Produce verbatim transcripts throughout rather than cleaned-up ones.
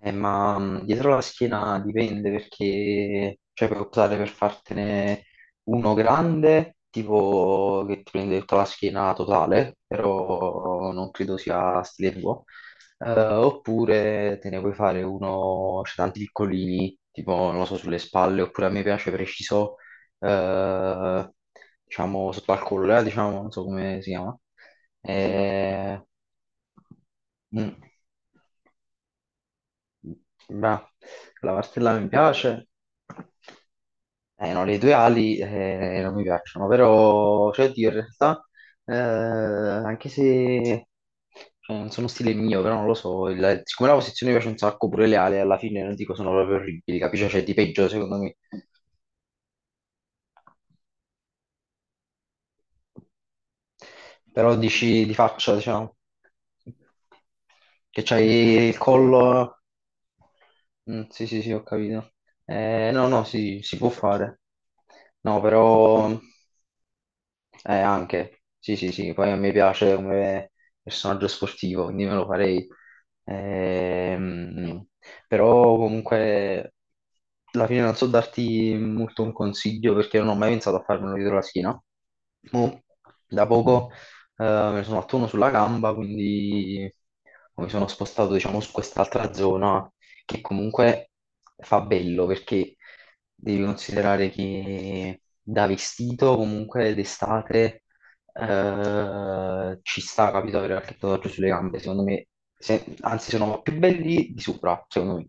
Eh, ma mh, dietro la schiena dipende perché cioè, puoi optare per fartene uno grande, tipo che ti prende tutta la schiena totale, però non credo sia stile tuo, Eh, oppure te ne puoi fare uno, c'è tanti piccolini, tipo non lo so, sulle spalle, oppure a me piace preciso, eh, diciamo sotto al collo, eh, diciamo, non so come si chiama. Eh, mm. Bravo. La martella mi piace. Eh, no, le tue ali eh, non mi piacciono, però, cioè, oddio, in realtà, eh, anche se cioè, non sono stile mio, però non lo so, il- siccome la posizione mi piace un sacco, pure le ali alla fine non dico sono proprio orribili, capisci? Cioè, di peggio, secondo me. Però dici di faccia, diciamo, che c'hai il collo... Mm, sì, sì, sì, ho capito. Eh, no, no, sì, si può fare. No, però... Eh, anche, sì, sì, sì, poi a me piace come personaggio sportivo, quindi me lo farei. Ehm, Però comunque alla fine non so darti molto un consiglio perché non ho mai pensato a farmelo dietro la schiena. Mo, da poco eh, me ne sono fatto uno sulla gamba, quindi mi sono spostato diciamo su quest'altra zona che comunque fa bello perché devi considerare che da vestito comunque d'estate eh, ci sta, capito, avere qualche tatuaggio sulle gambe, secondo me, se- anzi sono più belli di sopra, secondo me,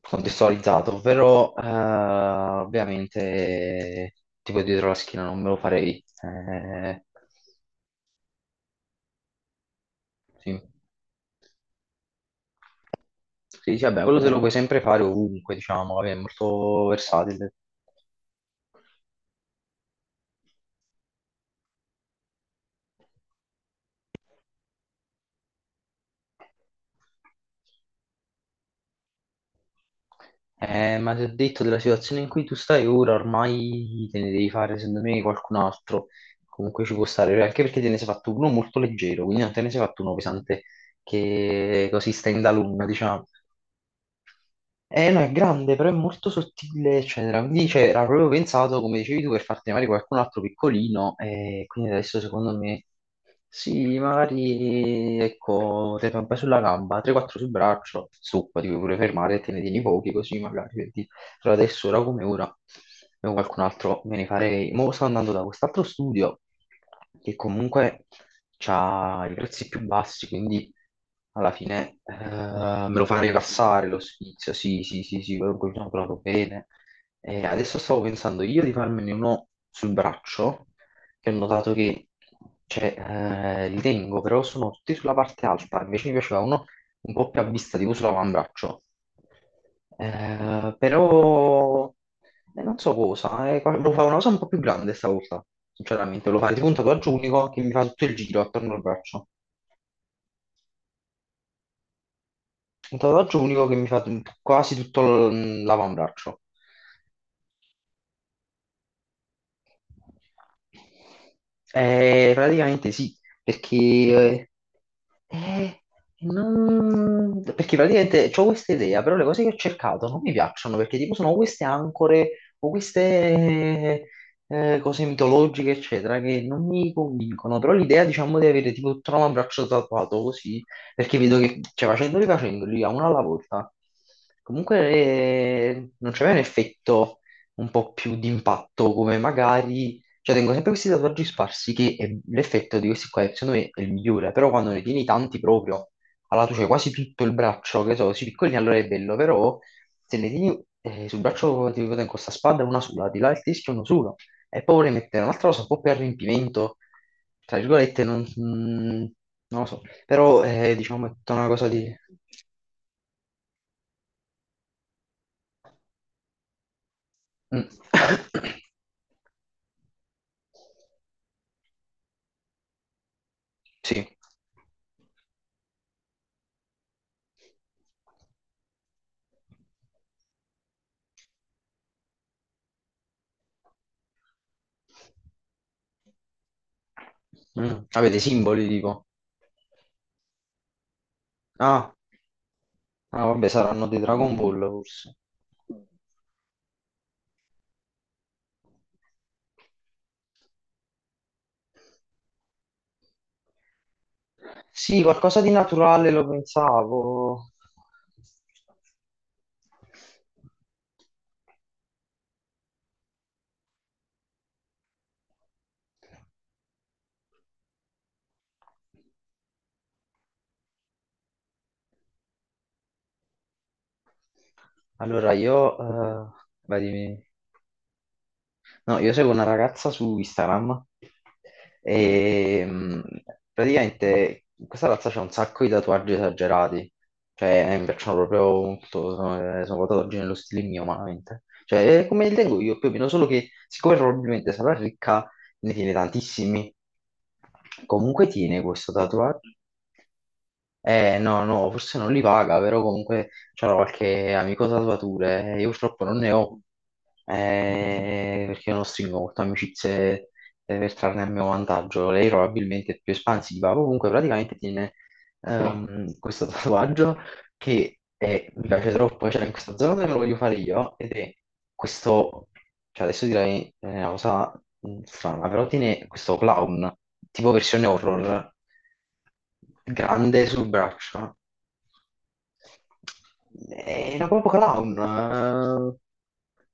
contestualizzato, però eh, ovviamente tipo dietro la schiena non me lo farei. Eh, sì. Sì, sì, vabbè, quello te lo puoi sempre fare ovunque, diciamo, vabbè, è molto versatile. Eh, ma ti ho detto della situazione in cui tu stai ora, ormai te ne devi fare, secondo me, qualcun altro. Comunque ci può stare, anche perché te ne sei fatto uno molto leggero, quindi non te ne sei fatto uno pesante che così sta in dalunna, diciamo. Eh no, è grande, però è molto sottile, eccetera. Quindi cioè, era proprio pensato, come dicevi tu, per farti magari qualcun altro piccolino, e quindi adesso secondo me sì, magari ecco, te ne fai un po' sulla gamba, tre quattro sul braccio, su, ti puoi pure fermare e te ne tieni pochi così magari. Però adesso, ora come ora, io qualcun altro me ne farei. Mo sto andando da quest'altro studio che comunque ha i prezzi più bassi, quindi alla fine eh, me lo fa rilassare lo sfizio. Sì, sì, sì, sì, quello quello sono proprio bene. E adesso stavo pensando io di farmene uno sul braccio, che ho notato che cioè, eh, li tengo, però sono tutti sulla parte alta. Invece mi piaceva uno un po' più a vista, tipo sull'avambraccio. Eh, però eh, non so cosa, eh, lo fa una cosa un po' più grande stavolta, sinceramente, lo fa tipo un tatuaggio unico che mi fa tutto il giro attorno al braccio, un tatuaggio unico che mi fa t- quasi tutto l- l'avambraccio. Eh, praticamente sì, perché, eh, eh, non- perché praticamente ho questa idea, però le cose che ho cercato non mi piacciono perché tipo sono queste ancore o queste eh, cose mitologiche, eccetera, che non mi convincono, però l'idea diciamo di avere tipo tutto l'avambraccio tatuato così, perché vedo che cioè, facendoli facendoli a uno alla volta, comunque eh, non c'è un effetto un po' più di impatto, come magari... Cioè, tengo sempre questi tatuaggi sparsi che è- l'effetto di questi qua, secondo me, è il migliore, però quando ne tieni tanti proprio, allora tu c'hai quasi tutto il braccio, che so, così piccolini, allora è bello, però se ne tieni eh, sul braccio, ti dico, tengo questa spada una sola, di là il teschio uno solo, e poi vorrei mettere un'altra cosa un po' più a riempimento, tra virgolette, non, mm, non lo so, però eh, diciamo è tutta una cosa di... Mm. Sì. Mm. Avete simboli tipo? Ah, ah, vabbè, saranno dei Dragon Ball forse. Sì, qualcosa di naturale lo pensavo. Allora io... eh, Vai dimmi. No, io seguo una ragazza su Instagram e mh, praticamente questa ragazza c'ha un sacco di tatuaggi esagerati, cioè eh, mi piacciono proprio molto, sono, eh, sono tatuaggi nello stile mio, umanamente. Cioè, è come li tengo io più o meno, solo che siccome probabilmente sarà ricca, ne tiene tantissimi. Comunque tiene questo tatuaggio, eh, no, no, forse non li paga, però comunque c'era qualche amico tatuatore. eh, Io purtroppo non ne ho, eh, perché io non stringo molto amicizie eh, per trarne a mio vantaggio. Lei probabilmente è più espansiva. Comunque praticamente tiene ehm, questo tatuaggio che eh, mi piace troppo, cioè in questa zona dove lo voglio fare io, ed è questo, cioè adesso direi eh, una cosa mh, strana, però tiene questo clown, tipo versione horror, grande sul braccio, era proprio clown,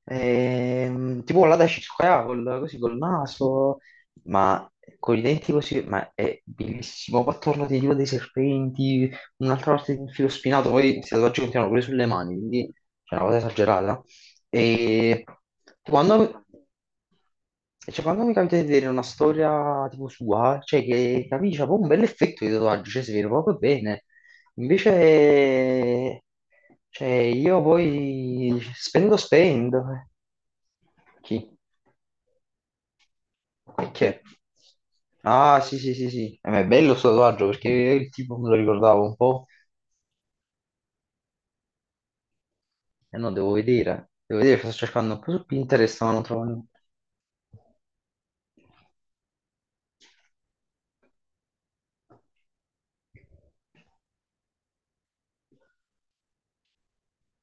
eh, ehm, tipo là da Circa, col- così col naso, ma con i denti così, ma è bellissimo, poi attorno di giro dei serpenti, un'altra parte di un filo spinato, poi si continuano pure sulle mani, quindi c'è una cosa esagerata. E quando, cioè, quando mi capita di vedere una storia tipo sua, cioè che capisci, c'ha proprio un bell'effetto di tatuaggio, cioè si vede proprio bene. Invece, cioè, io poi spendo, spendo. eh. Chi? Perché? Ah, sì, sì, sì, sì. Eh, ma è bello sto tatuaggio perché il tipo me lo ricordavo un po'. Eh no, devo vedere. Devo vedere, sto cercando un po' su Pinterest, ma non trovo niente.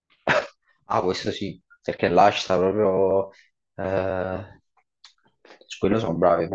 Ah, questo sì, perché là ci sta proprio... eh, Su quello sono bravi.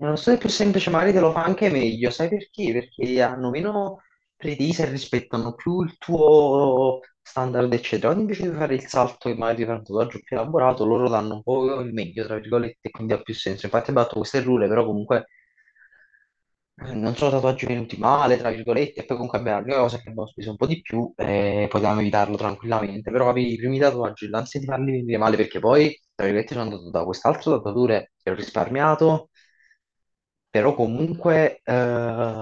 Non so se è più semplice, magari te lo fa anche meglio. Sai perché? Perché hanno meno pretese e rispettano più il tuo standard, eccetera. Quando invece di fare il salto e magari di fare un tatuaggio più elaborato, loro danno un po' il meglio, tra virgolette, e quindi ha più senso. Infatti ho fatto questo errore, però comunque eh, non sono tatuaggi venuti male, tra virgolette, e poi comunque abbiamo la cosa che abbiamo speso un po' di più e potevamo evitarlo tranquillamente, però avevi i primi tatuaggi, l'ansia di farli venire male perché poi, tra virgolette, sono andato da quest'altro tatuatore che ho risparmiato però comunque, eh,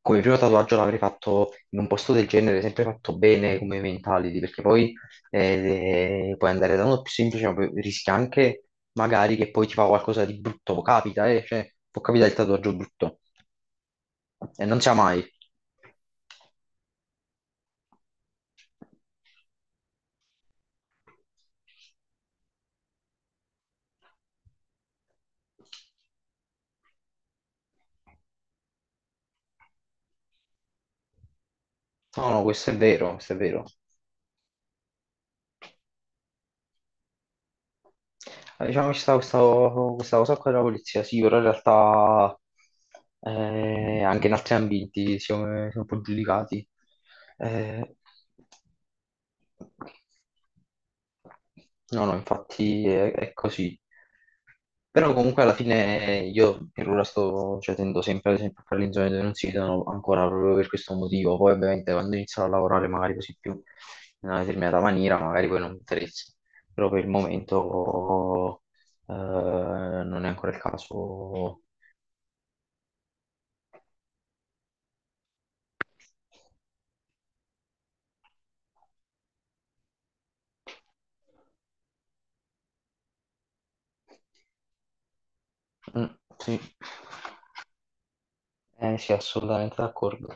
come primo tatuaggio l'avrei fatto in un posto del genere, sempre fatto bene come mentality, perché poi eh, puoi andare da uno più semplice, ma poi rischia anche magari che poi ti fa qualcosa di brutto, capita, eh, cioè, può capitare il tatuaggio brutto, e non sia mai. No, no, questo è vero, questo è vero. Ah, Diciamo che ci sta questa, questa cosa qua della polizia, sì, però in realtà eh, anche in altri ambiti siamo, siamo un po' giudicati. Eh, no, no, infatti è, è così. Però comunque alla fine io per ora sto, cioè, tendo sempre ad esempio a fare le zone dove non si vedono ancora proprio per questo motivo. Poi ovviamente quando inizierò a lavorare magari così più in una determinata maniera, magari poi non mi interessa però per il momento eh, non è ancora il caso. Mm, sì, Eh, sì, assolutamente d'accordo.